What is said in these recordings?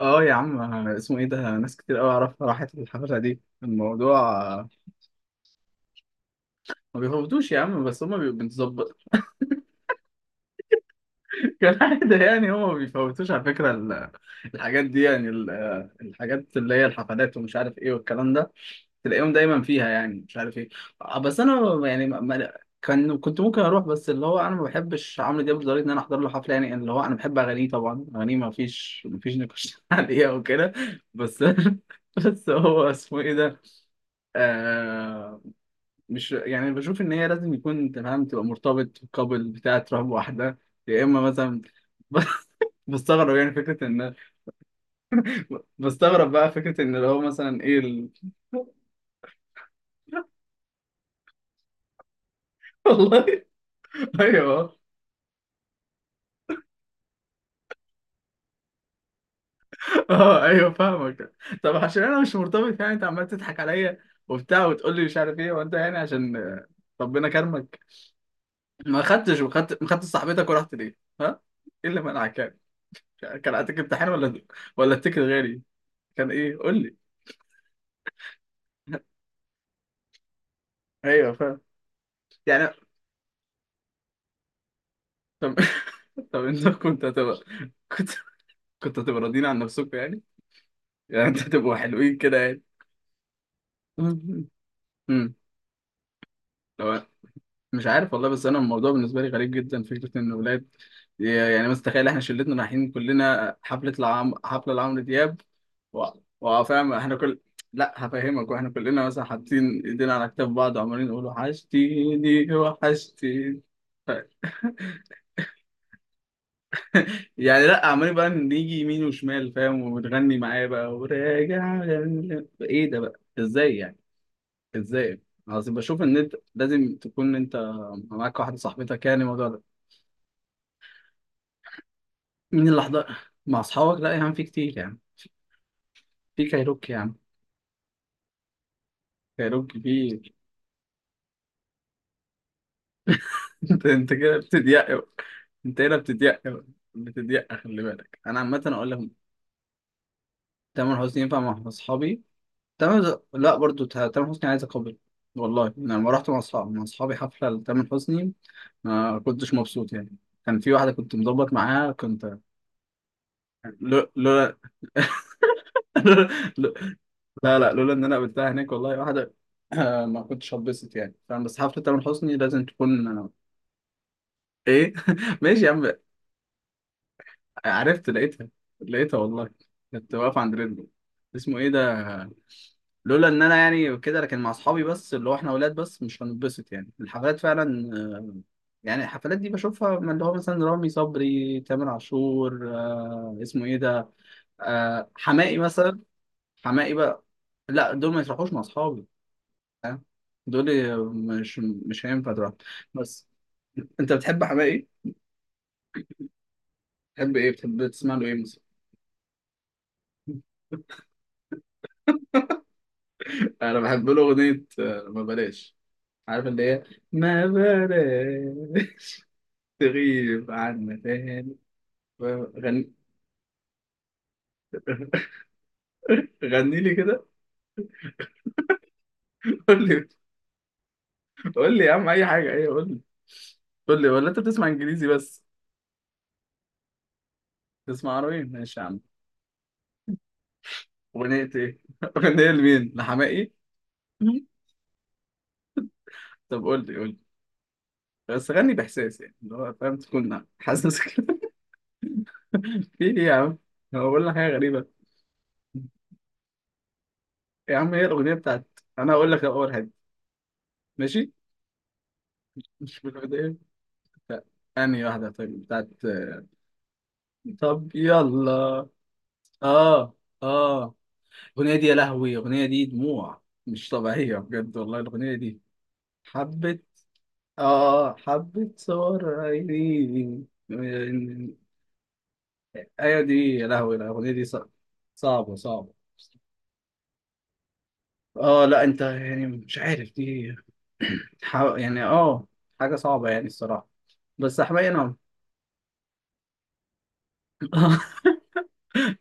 اه يا عم اسمه ايه ده. ناس كتير قوي اعرفها راحت الحفله دي الموضوع. آه، ما بيفوتوش يا عم، بس هما بيبقوا بنتظبط. كالعاده يعني، هما ما بيفوتوش على فكره الحاجات دي يعني الحاجات اللي هي الحفلات ومش عارف ايه والكلام ده، تلاقيهم دايما فيها يعني، مش عارف ايه. بس انا يعني كنت ممكن اروح، بس اللي هو انا ما بحبش عمرو دياب لدرجه ان انا احضر له حفله، يعني اللي هو انا بحب اغانيه طبعا، اغانيه ما فيش نقاش عليها وكده. بس بس هو اسمه ايه ده. آه مش يعني، بشوف ان هي لازم يكون انت فاهم تبقى مرتبط قبل بتاع تروح بواحده، يا اما مثلا. بستغرب يعني فكره ان، بستغرب بقى فكره ان لو مثلا ايه والله. ايوه. اه ايوه فاهمك. طب عشان انا مش مرتبط، يعني انت عمال تضحك عليا وبتاع وتقول لي مش عارف ايه، وانت يعني عشان ربنا كرمك ما خدتش، وخدت ما خدتش صاحبتك ورحت ليه، ها؟ ايه اللي منعك يعني؟ كان عليك امتحان، ولا التيكت غالي، كان ايه قول لي. ايوه فاهم يعني. طب طب انت كنت هتبقى، كنت كنت هتبقى راضيين عن نفسكم يعني انت هتبقوا حلوين كده يعني؟ امم لو مش عارف والله، بس انا الموضوع بالنسبه لي غريب جدا، فكره ان ولاد يعني مثلا، تخيل احنا شلتنا رايحين كلنا حفله لعمرو دياب و- وفاهم احنا كل، لا هفهمك. واحنا كلنا مثلا حاطين ايدينا على كتاف بعض، وعمالين نقول وحشتيني وحشتيني يعني، لا عمالين بقى نيجي يمين وشمال فاهم، وبتغني معايا بقى وراجع، ايه ده بقى؟ ازاي يعني؟ ازاي؟ قصدي بشوف ان انت لازم تكون انت معاك واحده صاحبتك يعني، الموضوع ده. مين اللي حضر مع اصحابك؟ لا يا عم في كتير يعني. في كايروكي يا عم، كايروكي في. انت كده بتضيق. انت هنا بتضيق، خلي بالك انا عامه اقول لك. تامر حسني ينفع مع اصحابي. تامر، لا برضو، تامر حسني عايز اقابل. والله انا لما رحت مع اصحابي حفله لتامر حسني، ما كنتش مبسوط يعني. كان في واحدة كنت مظبط معاها، كنت لولا، لو- لا لا لولا إن أنا قابلتها هناك والله، واحدة ما كنتش هتبسط يعني، فاهم. بس حفلة تامر حسني لازم تكون إيه. ماشي يا عم. عرفت لقيتها، لقيتها والله. كنت واقف عند رجله. اسمه إيه ده. لولا إن أنا يعني كده، لكن مع أصحابي بس، اللي هو إحنا ولاد بس، مش هنتبسط يعني الحفلات فعلا. آه، يعني الحفلات دي بشوفها من اللي هو مثلا رامي صبري، تامر عاشور، اسمه إيه ده، حماقي مثلا. حماقي بقى. لا دول ما يروحوش مع اصحابي، فاهم؟ دول مش مش هينفع تروح. بس انت بتحب حماقي؟ بتحب ايه، بتحب تسمع له ايه مثلا؟ انا بحب له اغنيه ما بلاش، عارف اللي هي ما بلاش. تغيب عنا تاني. غني، غني لي كده. قول لي، قول لي يا عم اي حاجه، ايه قول لي. قول لي، ولا انت بتسمع انجليزي بس؟ تسمع عربي، ماشي يا عم. اغنيه ايه؟ اغنيه لمين، لحماقي؟ طب قول لي، قول لي. بس غني باحساس يعني، اللي هو فاهم تكون حاسس كده. في ايه يا عم؟ هو بقول لك حاجه غريبه يا عم، هي الاغنيه بتاعت، انا هقول لك اول حاجه، ماشي. مش من الاغنيه، لا. انهي واحده طيب، بتاعت؟ طب يلا. اه اه. الاغنيه دي يا لهوي، الاغنيه دي دموع مش طبيعيه بجد والله، الاغنيه دي حبه. اه حبه، صور عيني. ايوه دي، يا لهوي الاغنيه دي صعبه صعبه. اه لا انت يعني مش عارف دي، يعني اه حاجة صعبة يعني الصراحة. بس حماية انا.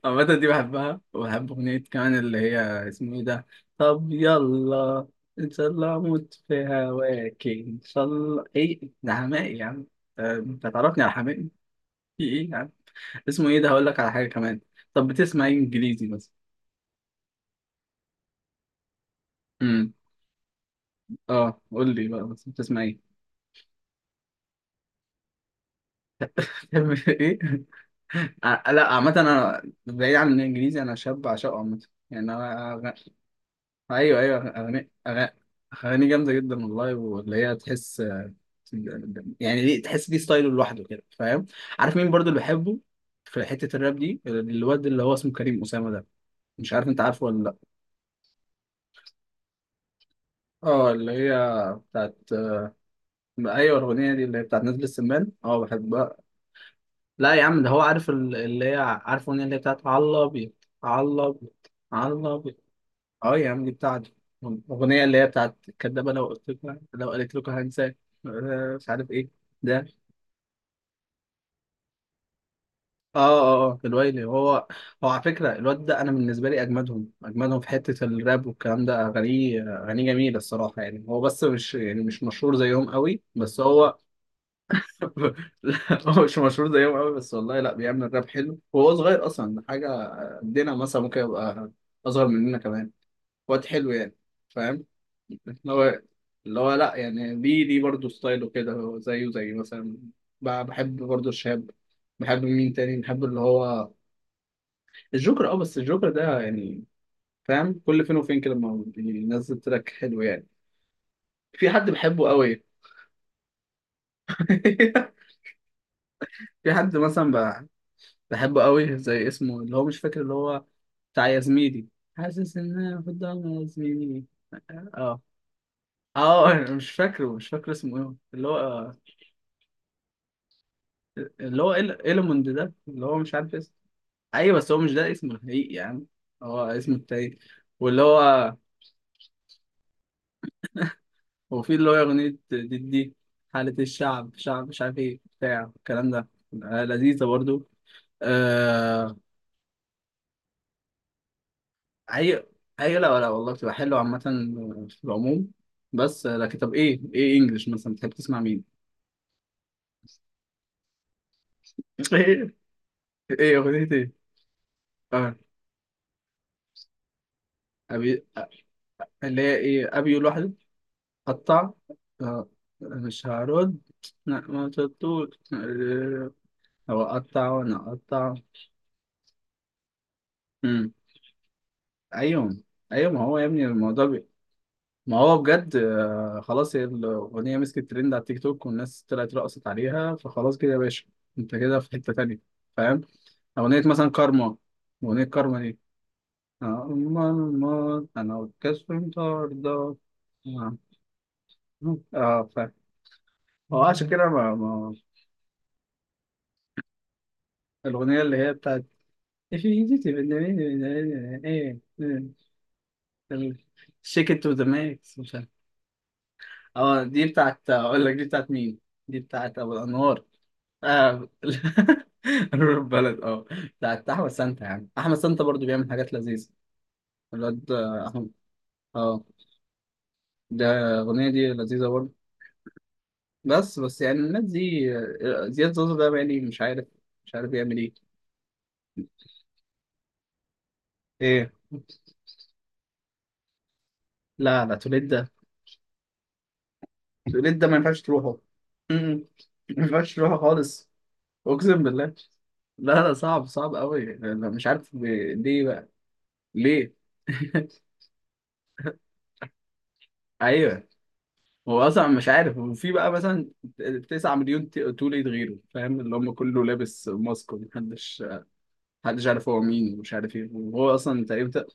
عامة دي بحبها، وبحب أغنية كمان اللي هي، اسمه ايه ده. طب يلا، ان شاء الله اموت في هواك، ان شاء الله ايه ده، حماقي يا عم. انت تعرفني على حماقي؟ في ايه يا عم، اسمه ايه ده. هقول لك على حاجة كمان، طب بتسمع ايه انجليزي مثلا؟ امم اه قول لي بقى، بس بتسمع ايه؟ بتحب ايه؟ لا عامة أنا بعيد عن الإنجليزي، أنا شاب عشقه عامة يعني، أنا أيوه أيوه. أغاني، أغاني أغاني جامدة جدا والله، واللي هي تحس يعني، ليه تحس، دي ستايله لوحده كده، فاهم. عارف مين برضو اللي بحبه في حتة الراب دي؟ الواد اللي هو اسمه كريم أسامة ده، مش عارف أنت عارفه ولا لأ. أه اللي هي بتاعت، أيوه الأغنية دي اللي هي بتاعت نازل السمان، أه بحبها. لا يا عم ده هو عارف اللي هي، عارف الأغنية اللي هي بتاعت على الأبيض، على الأبيض. اه يا عم دي بتاعته، الأغنية اللي هي بتاعت كدابة، لو قلت لكم، لو قالت لكم هنساك، مش عارف ايه ده. اه اه اه الويلي هو على فكرة الواد ده، أنا بالنسبة لي أجمدهم أجمدهم في حتة الراب والكلام ده، أغانيه أغانيه جميلة الصراحة يعني، هو بس مش يعني مش مشهور زيهم قوي، بس هو. لا، هو مش مشهور زيهم قوي بس والله، لا بيعمل راب حلو، وهو صغير أصلا ده، حاجة قدنا مثلا ممكن يبقى أصغر مننا كمان. واد حلو يعني، فاهم. اللي هو اللي هو لا يعني، دي برضه ستايله كده، هو زيه زي مثلا، بحب برضه الشاب، بحب مين تاني، بحب اللي هو الجوكر. اه بس الجوكر ده يعني، فاهم كل فين وفين كده لما بينزل تراك حلو يعني. في حد بحبه قوي. في حد مثلا بحبه قوي، زي اسمه اللي هو، مش فاكر اللي هو بتاع يا زميلي، حاسس ان انا في الضلمه يا زميلي. اه اه، مش فاكره، مش فاكر اسمه ايه اللي هو اللي هو إلموند ده، اللي هو مش عارف اسمه. ايوه بس هو مش ده اسمه الحقيقي يعني، هو اسمه التاني واللي هو. وفي اللي هو اغنية دي حالة الشعب، شعب مش عارف ايه بتاع الكلام ده، آه لذيذة برضو. آه... اي اي، لا لا والله بتبقى حلوة عامة في العموم. بس لكن طب ايه انجلش مثلا بتحب تسمع مين؟ ايه ايه اغنية ايه؟ اه أبي... آه، اللي هي ايه، ابي لوحده؟ قطع، آه، مش هرد، لا ما شطوش. هو قطع وانا قطع. مم. ايوه ايوه، ما هو يا ابني الموضوع ما هو بجد خلاص هي الاغنيه مسكت ترند على التيك توك، والناس طلعت رقصت عليها، فخلاص كده يا باشا، انت كده في حته تانيه فاهم. اغنيه مثلا كارما، اغنيه كارما دي، أما الموت انا والكسف مطاردة. اه فاهم. هو عشان كده ما... ما... الأغنية اللي هي بتاعت Definitive ايه إيه. shake it to the max، مش عارف. اه دي بتاعت، اقول لك دي بتاعت مين، دي بتاعت ابو الانوار. اه نور البلد، اه بتاعت احمد سانتا، يعني احمد سانتا برضو بيعمل حاجات لذيذة الواد، احمد. اه ده الاغنية دي لذيذة برضو. بس يعني الناس دي زياد زوزو ده يعني، مش عارف بيعمل ايه. ايه لا لا، توليد ده ما ينفعش تروحه. م- م. ما ينفعش تروحه خالص، اقسم بالله. لا لا صعب صعب قوي، أنا مش عارف ليه بقى، ليه. ايوه، هو اصلا مش عارف. وفي بقى مثلا 9 مليون توليد غيره، فاهم، اللي هم كله لابس ماسك، ومحدش محدش عارف هو مين، ومش عارف ايه، وهو اصلا تقريبا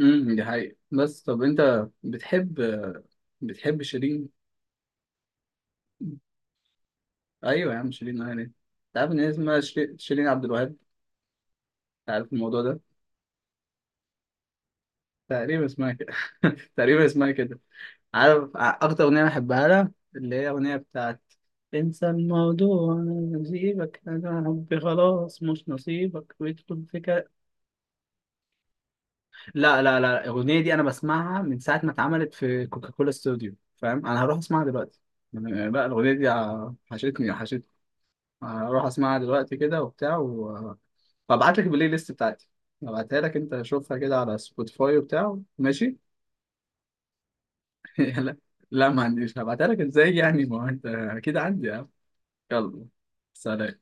دي حقيقة. بس طب انت بتحب شيرين؟ ايوه يا عم شيرين، يعني انت عارف ان هي اسمها شيرين، شيرين عبد الوهاب؟ انت عارف الموضوع ده؟ تقريبا اسمها كده. تقريبا اسمها كده. عارف اكتر اغنيه بحبها لها اللي هي، اغنيه بتاعت انسى الموضوع أنا نسيبك، انا حبي خلاص مش نصيبك، ويدخل في كده. لا لا لا الاغنيه دي انا بسمعها من ساعه ما اتعملت في كوكاكولا استوديو، فاهم. انا هروح اسمعها دلوقتي يعني. لا الاغنيه دي حشتني حشتني. هروح اسمعها دلوقتي كده وبتاع وابعت لك البلاي ليست بتاعتي، هبعتها لك، انت شوفها كده على سبوتيفاي وبتاع، ماشي. لا لا ما عنديش، هبعتها لك ازاي يعني، ما هو انت اكيد عندي. يلا، سلام.